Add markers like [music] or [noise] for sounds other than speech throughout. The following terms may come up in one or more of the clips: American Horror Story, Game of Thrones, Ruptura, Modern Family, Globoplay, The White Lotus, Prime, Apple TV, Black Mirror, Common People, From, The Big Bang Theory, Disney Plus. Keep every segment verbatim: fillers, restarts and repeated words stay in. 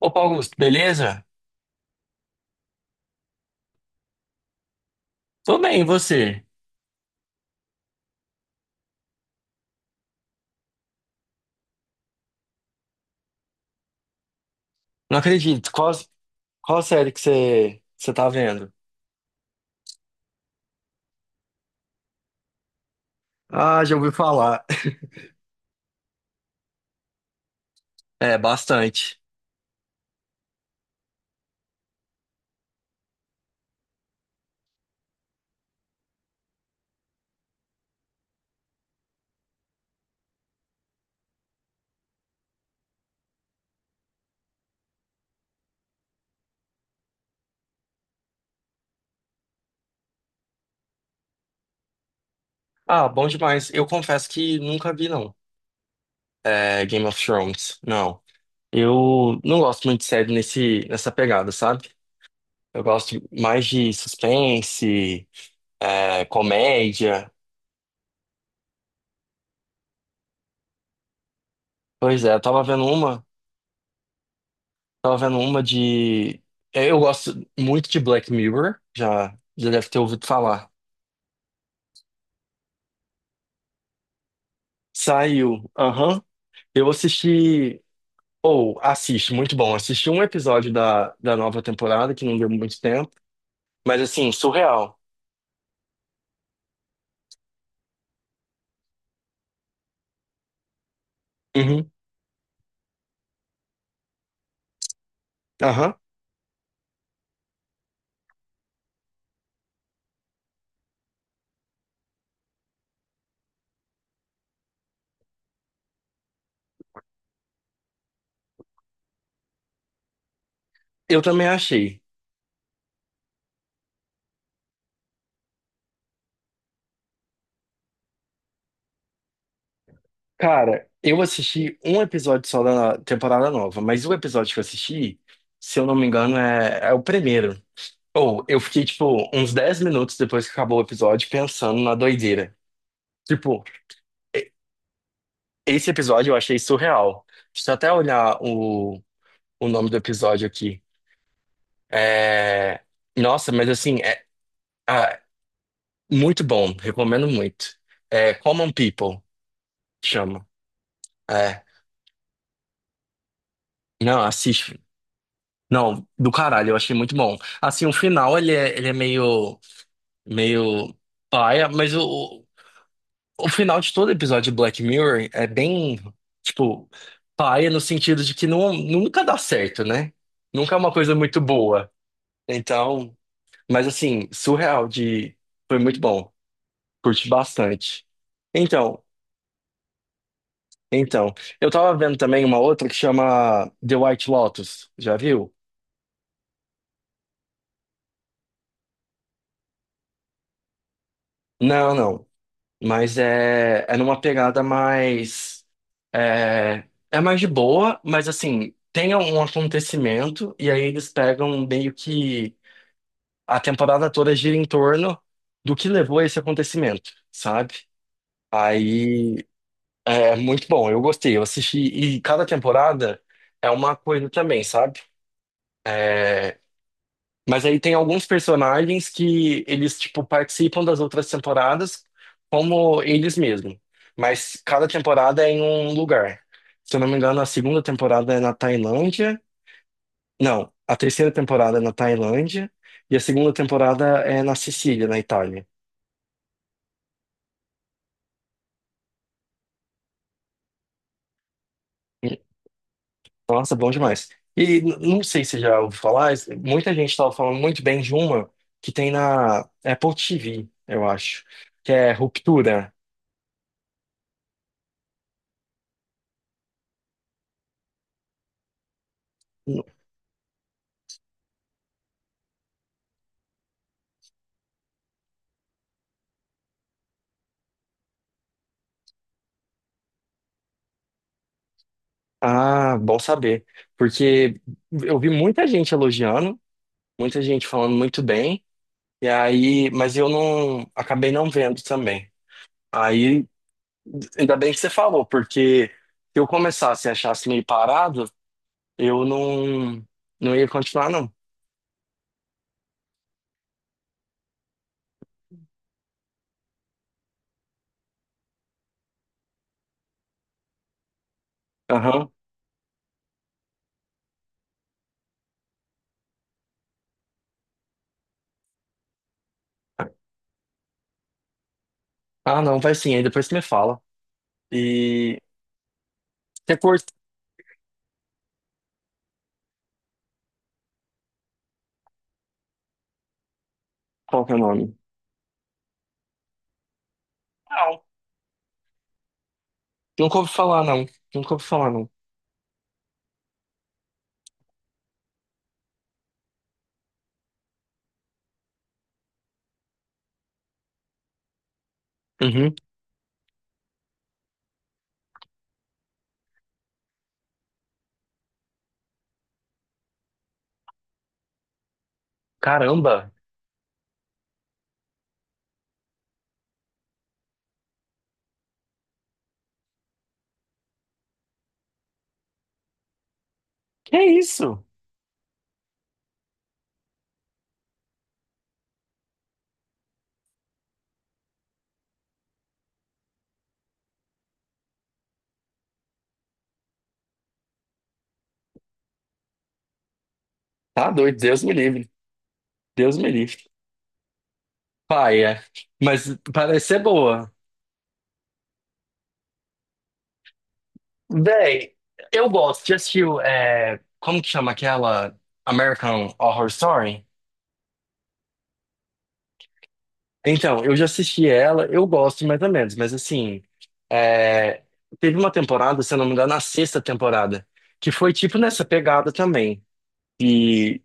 Opa, Augusto, beleza? Tô bem, e você? Não acredito. Qual, qual série que você, você tá vendo? Ah, já ouvi falar. [laughs] É, bastante. Ah, bom demais. Eu confesso que nunca vi, não. É, Game of Thrones, não. Eu não gosto muito de série nesse, nessa pegada, sabe? Eu gosto mais de suspense, é, comédia. Pois é, eu tava vendo uma, tava vendo uma de... é, eu gosto muito de Black Mirror, já, já deve ter ouvido falar. Saiu. Aham. Eu assisti. Ou assisto, muito bom. Assisti um episódio da, da nova temporada, que não deu muito tempo. Mas assim, surreal. Uhum. Aham. Eu também achei. Cara, eu assisti um episódio só da temporada nova, mas o episódio que eu assisti, se eu não me engano, é, é o primeiro. Ou eu fiquei, tipo, uns dez minutos depois que acabou o episódio pensando na doideira. Tipo, e- esse episódio eu achei surreal. Deixa eu até olhar o, o nome do episódio aqui. É, nossa, mas assim, é ah, muito bom, recomendo muito. É Common People, chama. É. Não, assiste. Não, do caralho, eu achei muito bom. Assim, o final ele é, ele é meio, meio paia, mas o, o final de todo episódio de Black Mirror é bem, tipo, paia no sentido de que não, nunca dá certo, né? Nunca é uma coisa muito boa. Então, mas assim, surreal de. Foi muito bom. Curti bastante. Então, então, eu tava vendo também uma outra que chama The White Lotus, já viu? Não, não, mas é, é numa pegada mais, é, é mais de boa, mas assim, tem um acontecimento e aí eles pegam meio que a temporada toda gira em torno do que levou a esse acontecimento, sabe? Aí é muito bom, eu gostei, eu assisti e cada temporada é uma coisa também, sabe? Mas aí tem alguns personagens que eles, tipo, participam das outras temporadas como eles mesmos. Mas cada temporada é em um lugar. Se eu não me engano, a segunda temporada é na Tailândia. Não, a terceira temporada é na Tailândia. E a segunda temporada é na Sicília, na Itália. Nossa, bom demais. E n- não sei se já ouviu falar, mas muita gente estava falando muito bem de uma que tem na Apple T V, eu acho, que é Ruptura. Ah, bom saber. Porque eu vi muita gente elogiando, muita gente falando muito bem, e aí, mas eu não acabei não vendo também. Aí, ainda bem que você falou, porque se eu começasse e achasse meio parado, eu não, não ia continuar, não. Aham. Ah, não, vai sim, aí depois você me fala. E você curte qual que é o nome? Não, nunca ouvi falar, não. Nunca ouvi falar, não. Uhum. Caramba, que isso? Tá doido, Deus me livre. Deus me livre. Paia, mas parece ser boa. Véi, eu gosto. Já assistiu, é, como que chama aquela? American Horror Story? Então, eu já assisti ela, eu gosto mais ou menos, mas assim, é, teve uma temporada, se eu não me engano, na sexta temporada, que foi tipo nessa pegada também, e,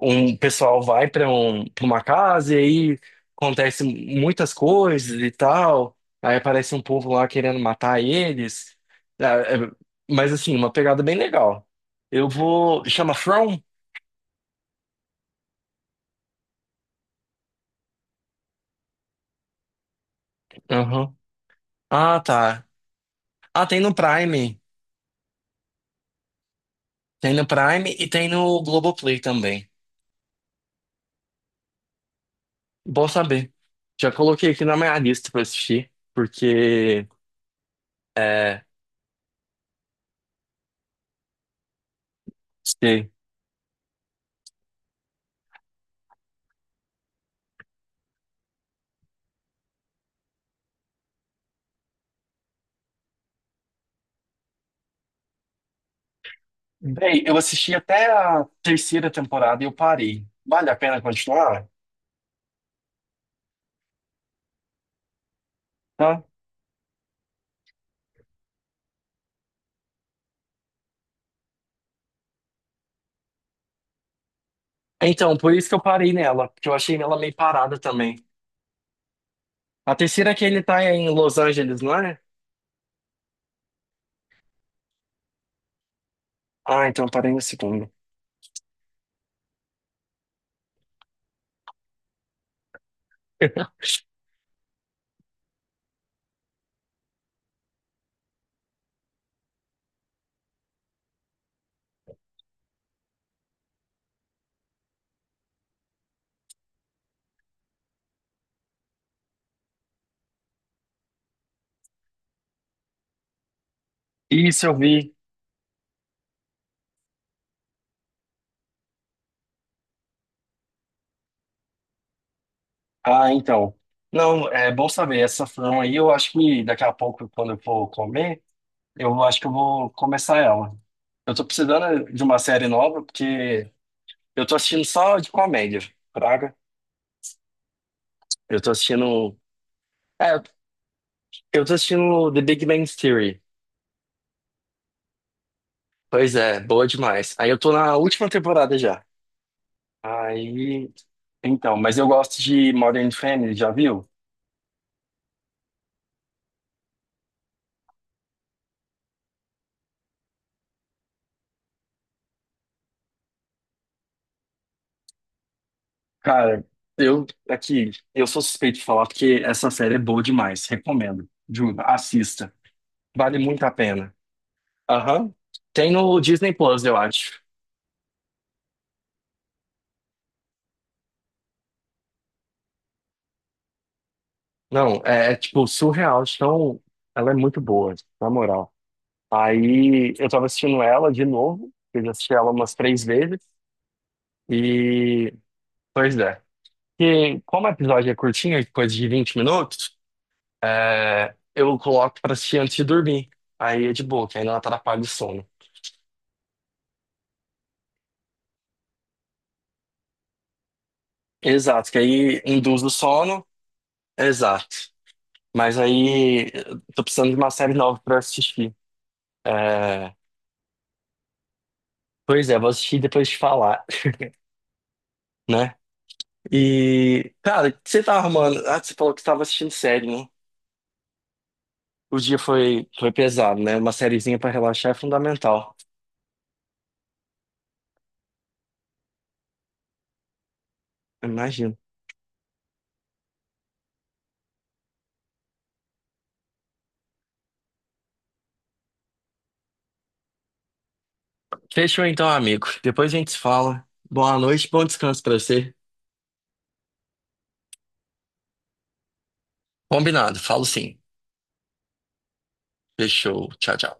um pessoal vai para um, para uma casa e aí acontece muitas coisas e tal. Aí aparece um povo lá querendo matar eles. Ah, é- Mas assim, uma pegada bem legal. Eu vou. Chama From? Aham. Ah, tá. Ah, tem no Prime. Tem no Prime e tem no Globoplay também. Bom saber. Já coloquei aqui na minha lista pra assistir, porque é, Bem, eu assisti até a terceira temporada e eu parei. Vale a pena continuar? Tá? Então, por isso que eu parei nela, porque eu achei ela meio parada também. A terceira é que ele tá em Los Angeles, não é? Ah, então eu parei na segunda. [laughs] Isso eu vi. Ah, então. Não, é bom saber. Essa frão aí, eu acho que daqui a pouco, quando eu for comer, eu acho que eu vou começar ela. Eu tô precisando de uma série nova, porque eu tô assistindo só de comédia, praga. Eu tô assistindo. é Eu tô assistindo The Big Bang Theory. Pois é, boa demais. Aí eu tô na última temporada já. Aí. Então, mas eu gosto de Modern Family, já viu? Cara, eu aqui, eu sou suspeito de falar porque essa série é boa demais. Recomendo. Juro, assista. Vale muito a pena. Aham. Tem no Disney Plus, eu acho. Não, é, é, tipo surreal. Então, ela é muito boa, na moral. Aí eu tava assistindo ela de novo. Eu já assisti ela umas três vezes. E pois é. E como o episódio é curtinho, coisa de vinte minutos, é, eu coloco pra assistir antes de dormir. Aí é de boa, que aí não atrapalha o sono. Exato, que aí induz o sono. Exato. Mas aí eu tô precisando de uma série nova pra assistir. É, pois é, vou assistir e depois te falar, né? E, cara, o que você tá arrumando? Ah, você falou que você tava assistindo série, né? O dia foi, foi pesado, né? Uma sériezinha pra relaxar é fundamental. Eu imagino. Fechou então, amigo. Depois a gente se fala. Boa noite, bom descanso pra você. Combinado, falo sim. Fechou. Tchau, tchau.